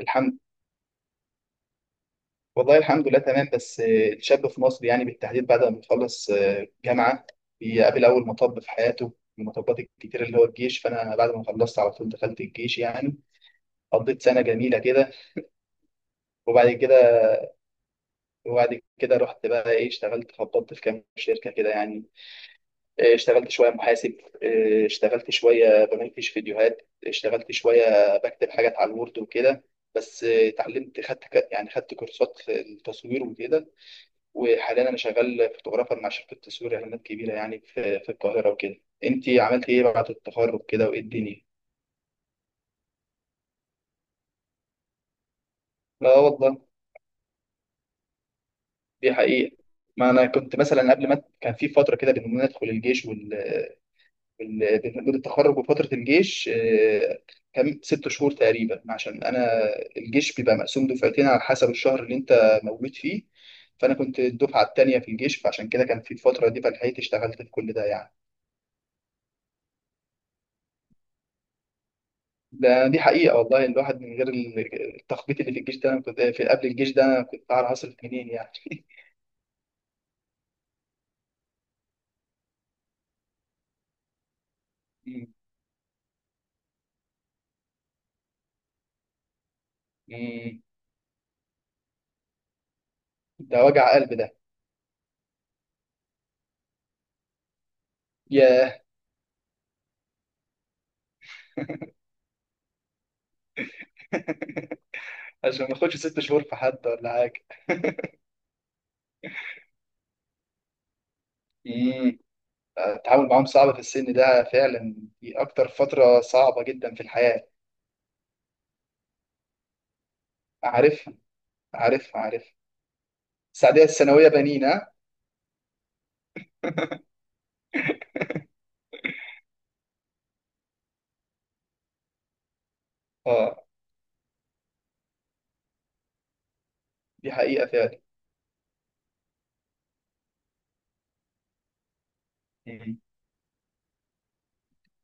الحمد والله، الحمد لله تمام، بس الشاب في مصر يعني بالتحديد بعد ما بيخلص جامعة، بيقابل أول مطب في حياته من المطبات الكتير اللي هو الجيش. فأنا بعد ما خلصت على طول دخلت الجيش يعني قضيت سنة جميلة كده. وبعد كده وبعد كده رحت بقى إيه اشتغلت، خبطت في كام شركة كده يعني. اشتغلت شوية محاسب، اشتغلت شوية بمنتج فيديوهات، اشتغلت شوية بكتب حاجات على الوورد وكده. بس اتعلمت، يعني خدت كورسات في التصوير وكده. وحاليا انا شغال فوتوغرافر مع شركه تصوير اعلانات كبيره يعني في القاهره وكده. انت عملت ايه بعد التخرج كده وايه الدنيا؟ لا والله، دي حقيقه، ما انا كنت مثلا قبل، ما كان في فتره كده بين ما ندخل الجيش بين التخرج وفتره الجيش. كان 6 شهور تقريبا، عشان انا الجيش بيبقى مقسوم دفعتين على حسب الشهر اللي انت موجود فيه. فانا كنت الدفعه الثانيه في الجيش، فعشان كده كان في الفتره دي فلحقت اشتغلت في كل ده يعني. دي حقيقة والله، الواحد من غير التخبيط اللي في الجيش ده، أنا كنت في قبل الجيش ده أنا كنت أعرف أصرف منين يعني. مم. مم. ده وجع قلب ده. ياه. عشان ما اخدش 6 شهور في حد ولا حاجة. مم. التعامل معاهم صعب في السن ده فعلا، دي أكتر فترة صعبة جدا في الحياة. عارف. عارف عارف. السعودية الثانوية بنين، ها؟ اه، دي حقيقة فعلا.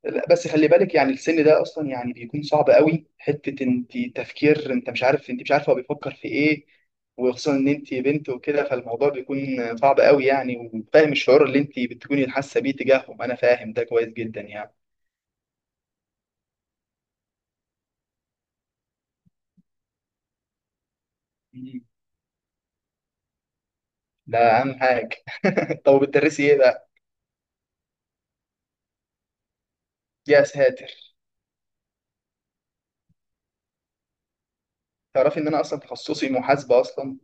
لا بس خلي بالك، يعني السن ده اصلا يعني بيكون صعب قوي، حته انت تفكير انت مش عارف، انت مش عارفه هو بيفكر في ايه. وخصوصا ان انت بنت وكده، فالموضوع بيكون صعب قوي يعني. وفاهم الشعور اللي انت بتكوني حاسه بيه تجاههم، انا فاهم ده كويس جدا يعني. مم. ده اهم حاجه. طب بتدرسي ايه بقى؟ يا ساتر. تعرفي ان انا اصلا تخصصي محاسبه اصلا.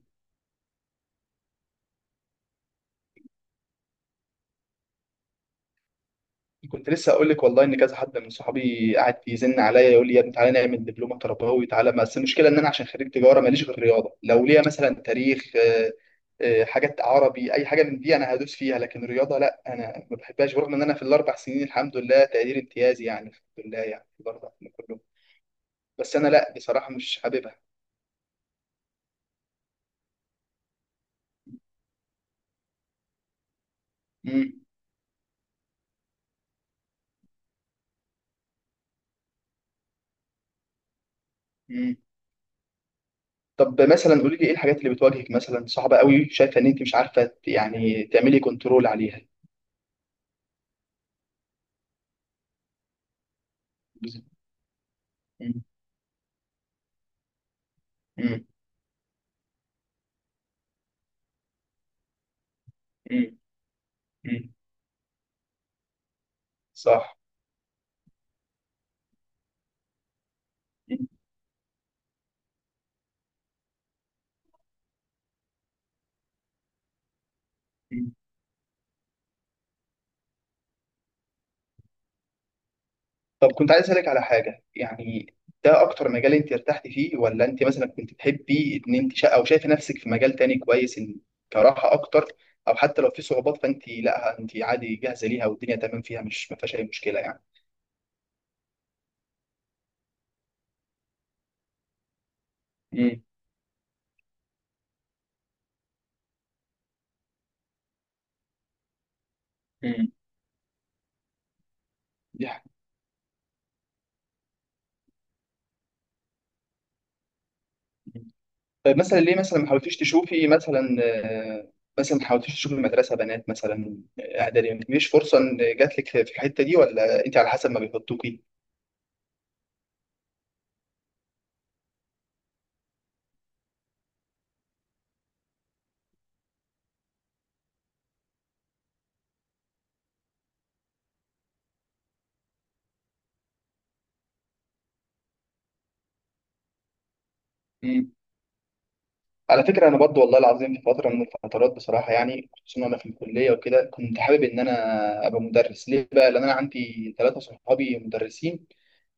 كنت لسه اقول لك والله ان كذا حد من صحابي قاعد يزن عليا يقول لي يا ابني تعالى نعمل دبلومه تربوي تعالى. بس المشكله ان انا عشان خريج تجاره ماليش غير رياضه. لو ليا مثلا تاريخ، حاجات عربي، اي حاجه من دي انا هدوس فيها، لكن رياضه لا انا ما بحبهاش. برغم ان انا في الاربع سنين الحمد لله تقدير امتيازي يعني، الحمد لله يعني في الاربع سنين كلهم. بس انا لا بصراحه مش حاببها. امم. امم. طب مثلا قولي لي ايه الحاجات اللي بتواجهك مثلا صعبه قوي، شايفه ان انت مش عارفه يعني تعملي كنترول عليها؟ مم. مم. مم. صح. مم. طب كنت عايز اسالك على حاجه يعني، ده اكتر مجال انت ارتحتي فيه؟ ولا انت مثلا كنت تحبي ان انت او شايفه نفسك في مجال تاني كويس، ان كراحه اكتر، او حتى لو في صعوبات فانت لا انت عادي جاهزه ليها والدنيا تمام فيها، مش ما فيهاش اي مشكله يعني. امم. امم. دي حاجة. مم. طيب مثلا ليه مثلا ما حاولتيش تشوفي مثلا آه، مثلا ما حاولتيش تشوفي مدرسه بنات مثلا، اعدادي؟ مفيش فرصه ان جات لك في الحته دي ولا انت على حسب ما بيحطوكي؟ على فكرة أنا برضو والله العظيم في فترة من الفترات بصراحة يعني خصوصا أنا في الكلية وكده كنت حابب إن أنا أبقى مدرس. ليه بقى؟ لأن أنا عندي 3 صحابي مدرسين،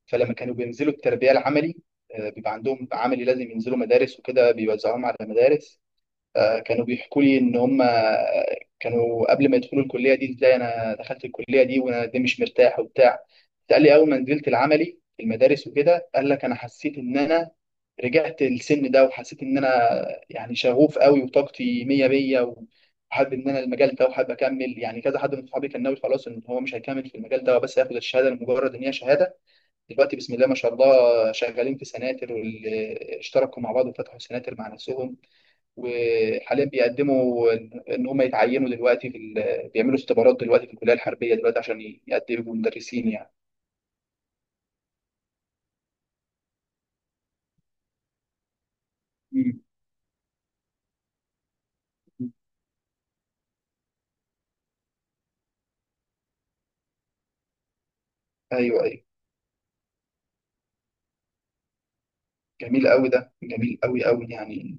فلما كانوا بينزلوا التربية العملي، بيبقى عندهم عملي لازم ينزلوا مدارس وكده، بيوزعوهم على مدارس. كانوا بيحكوا لي إن هم، كانوا قبل ما يدخلوا الكلية دي إزاي أنا دخلت الكلية دي وأنا دي مش مرتاح وبتاع. قال لي أول ما نزلت العملي في المدارس وكده قال لك أنا حسيت إن أنا رجعت السن ده وحسيت ان انا يعني شغوف قوي وطاقتي مية مية وحابب ان انا المجال ده وحابب اكمل يعني. كذا حد من صحابي كان ناوي خلاص ان هو مش هيكمل في المجال ده وبس هياخد الشهاده لمجرد ان هي شهاده. دلوقتي بسم الله ما شاء الله شغالين في سناتر، واللي اشتركوا مع بعض وفتحوا سناتر مع نفسهم. وحاليا بيقدموا ان إن هم يتعينوا دلوقتي في بيعملوا اختبارات دلوقتي في الكليه الحربيه دلوقتي عشان يقدموا مدرسين يعني. مم. ايوه ايوه. جميل قوي، ده جميل قوي قوي يعني.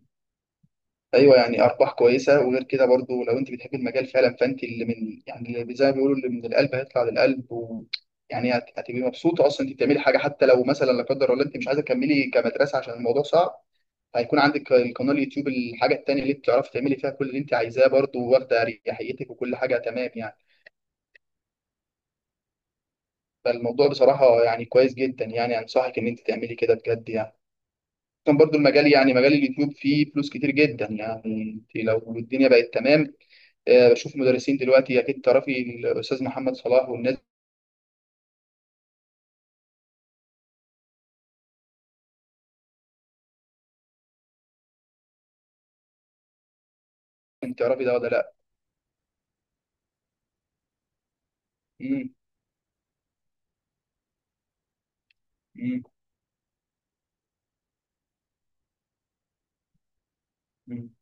ايوه يعني ارباح كويسه، وغير كده برضو لو انت بتحب المجال فعلا فانت اللي من يعني اللي زي ما بيقولوا اللي من القلب هيطلع للقلب، و يعني هتبقي مبسوطه اصلا انت بتعملي حاجه. حتى لو مثلا، لا قدر الله، انت مش عايزه تكملي كمدرسه عشان الموضوع صعب، هيكون عندك القناه اليوتيوب الحاجه التانيه اللي انت تعرفي تعملي فيها كل اللي انت عايزاه برضو واخده اريحيتك وكل حاجه تمام يعني. فالموضوع بصراحه يعني كويس جدا يعني، انصحك ان انت تعملي كده بجد يعني. كان برضو المجال، يعني مجال اليوتيوب، فيه فلوس كتير جدا يعني، انت لو الدنيا بقت تمام. بشوف مدرسين دلوقتي، اكيد تعرفي الاستاذ محمد صلاح والناس دي، انت تعرفي ده ولا لا؟ امم. امم. امم.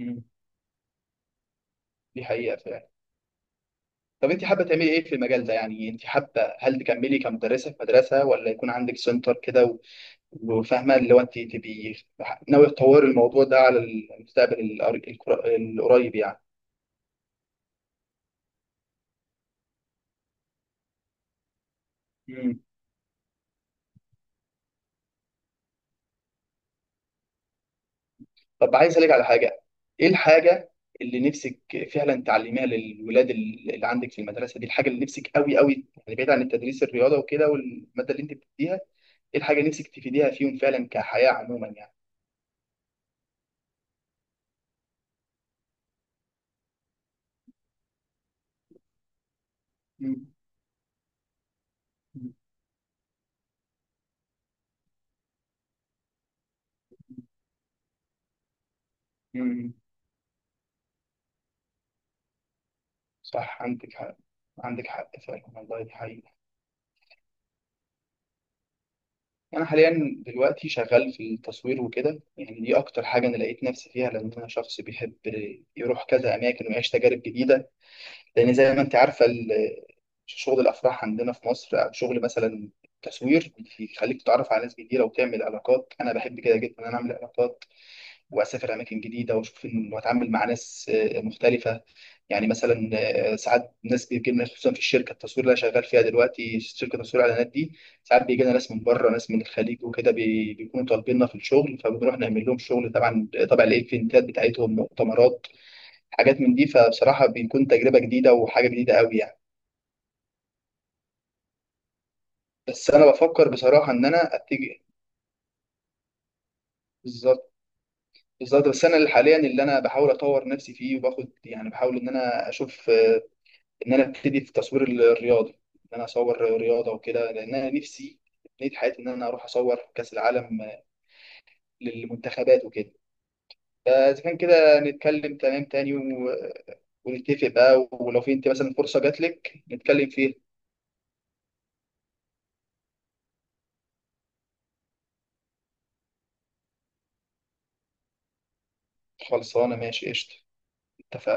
أمم. دي حقيقه فعلا. طب انت حابه تعملي ايه في المجال ده يعني، انت حابه هل تكملي كمدرسه في مدرسه ولا يكون عندك سنتر كده وفاهمه اللي هو انت تبقي ناوي تطوري الموضوع ده على المستقبل القريب يعني. طب عايز اسالك على حاجه. ايه الحاجه اللي نفسك فعلا تعلميها للولاد اللي عندك في المدرسه دي، الحاجه اللي نفسك قوي قوي يعني، بعيد عن التدريس الرياضه وكده والماده اللي انت بتديها؟ ايه الحاجه اللي نفسك تفيديها فيهم فعلا كحياه عموما يعني؟ مم. مم. صح. عندك حق. عندك حق فعلا والله، دي حقيقة. أنا حاليا دلوقتي شغال في التصوير وكده يعني، دي أكتر حاجة أنا لقيت نفسي فيها لأن أنا شخص بيحب يروح كذا أماكن ويعيش تجارب جديدة. لأن زي ما أنت عارفة شغل الأفراح عندنا في مصر، أو شغل مثلا التصوير، بيخليك تتعرف على ناس جديدة وتعمل علاقات. أنا بحب كده جدا إن أنا أعمل علاقات وأسافر أماكن جديدة وأشوف وأتعامل مع ناس مختلفة. يعني مثلا ساعات ناس بيجي لنا، خصوصا في الشركه التصوير اللي انا شغال فيها دلوقتي، شركه تصوير اعلانات دي ساعات بيجي لنا ناس من بره، ناس من الخليج وكده، بيكونوا طالبيننا في الشغل، فبنروح نعمل لهم شغل. طبعا طبعا الايفنتات بتاعتهم، مؤتمرات، حاجات من دي. فبصراحة بيكون تجربة جديدة وحاجة جديدة قوي يعني. بس أنا بفكر بصراحة إن أنا أتجه، بالظبط بالظبط، بس أنا اللي حاليا اللي أنا بحاول أطور نفسي فيه وباخد يعني بحاول إن أنا أشوف إن أنا أبتدي في التصوير الرياضي، إن أنا أصور رياضة وكده، لأن أنا نفسي نهاية حياتي إن أنا أروح أصور كأس العالم للمنتخبات وكده. فإذا كان كده نتكلم تمام تاني ونتفق بقى، ولو في، أنت مثلا فرصة جات لك نتكلم فيها. خلصانة، ماشي قشطة، اتفقنا.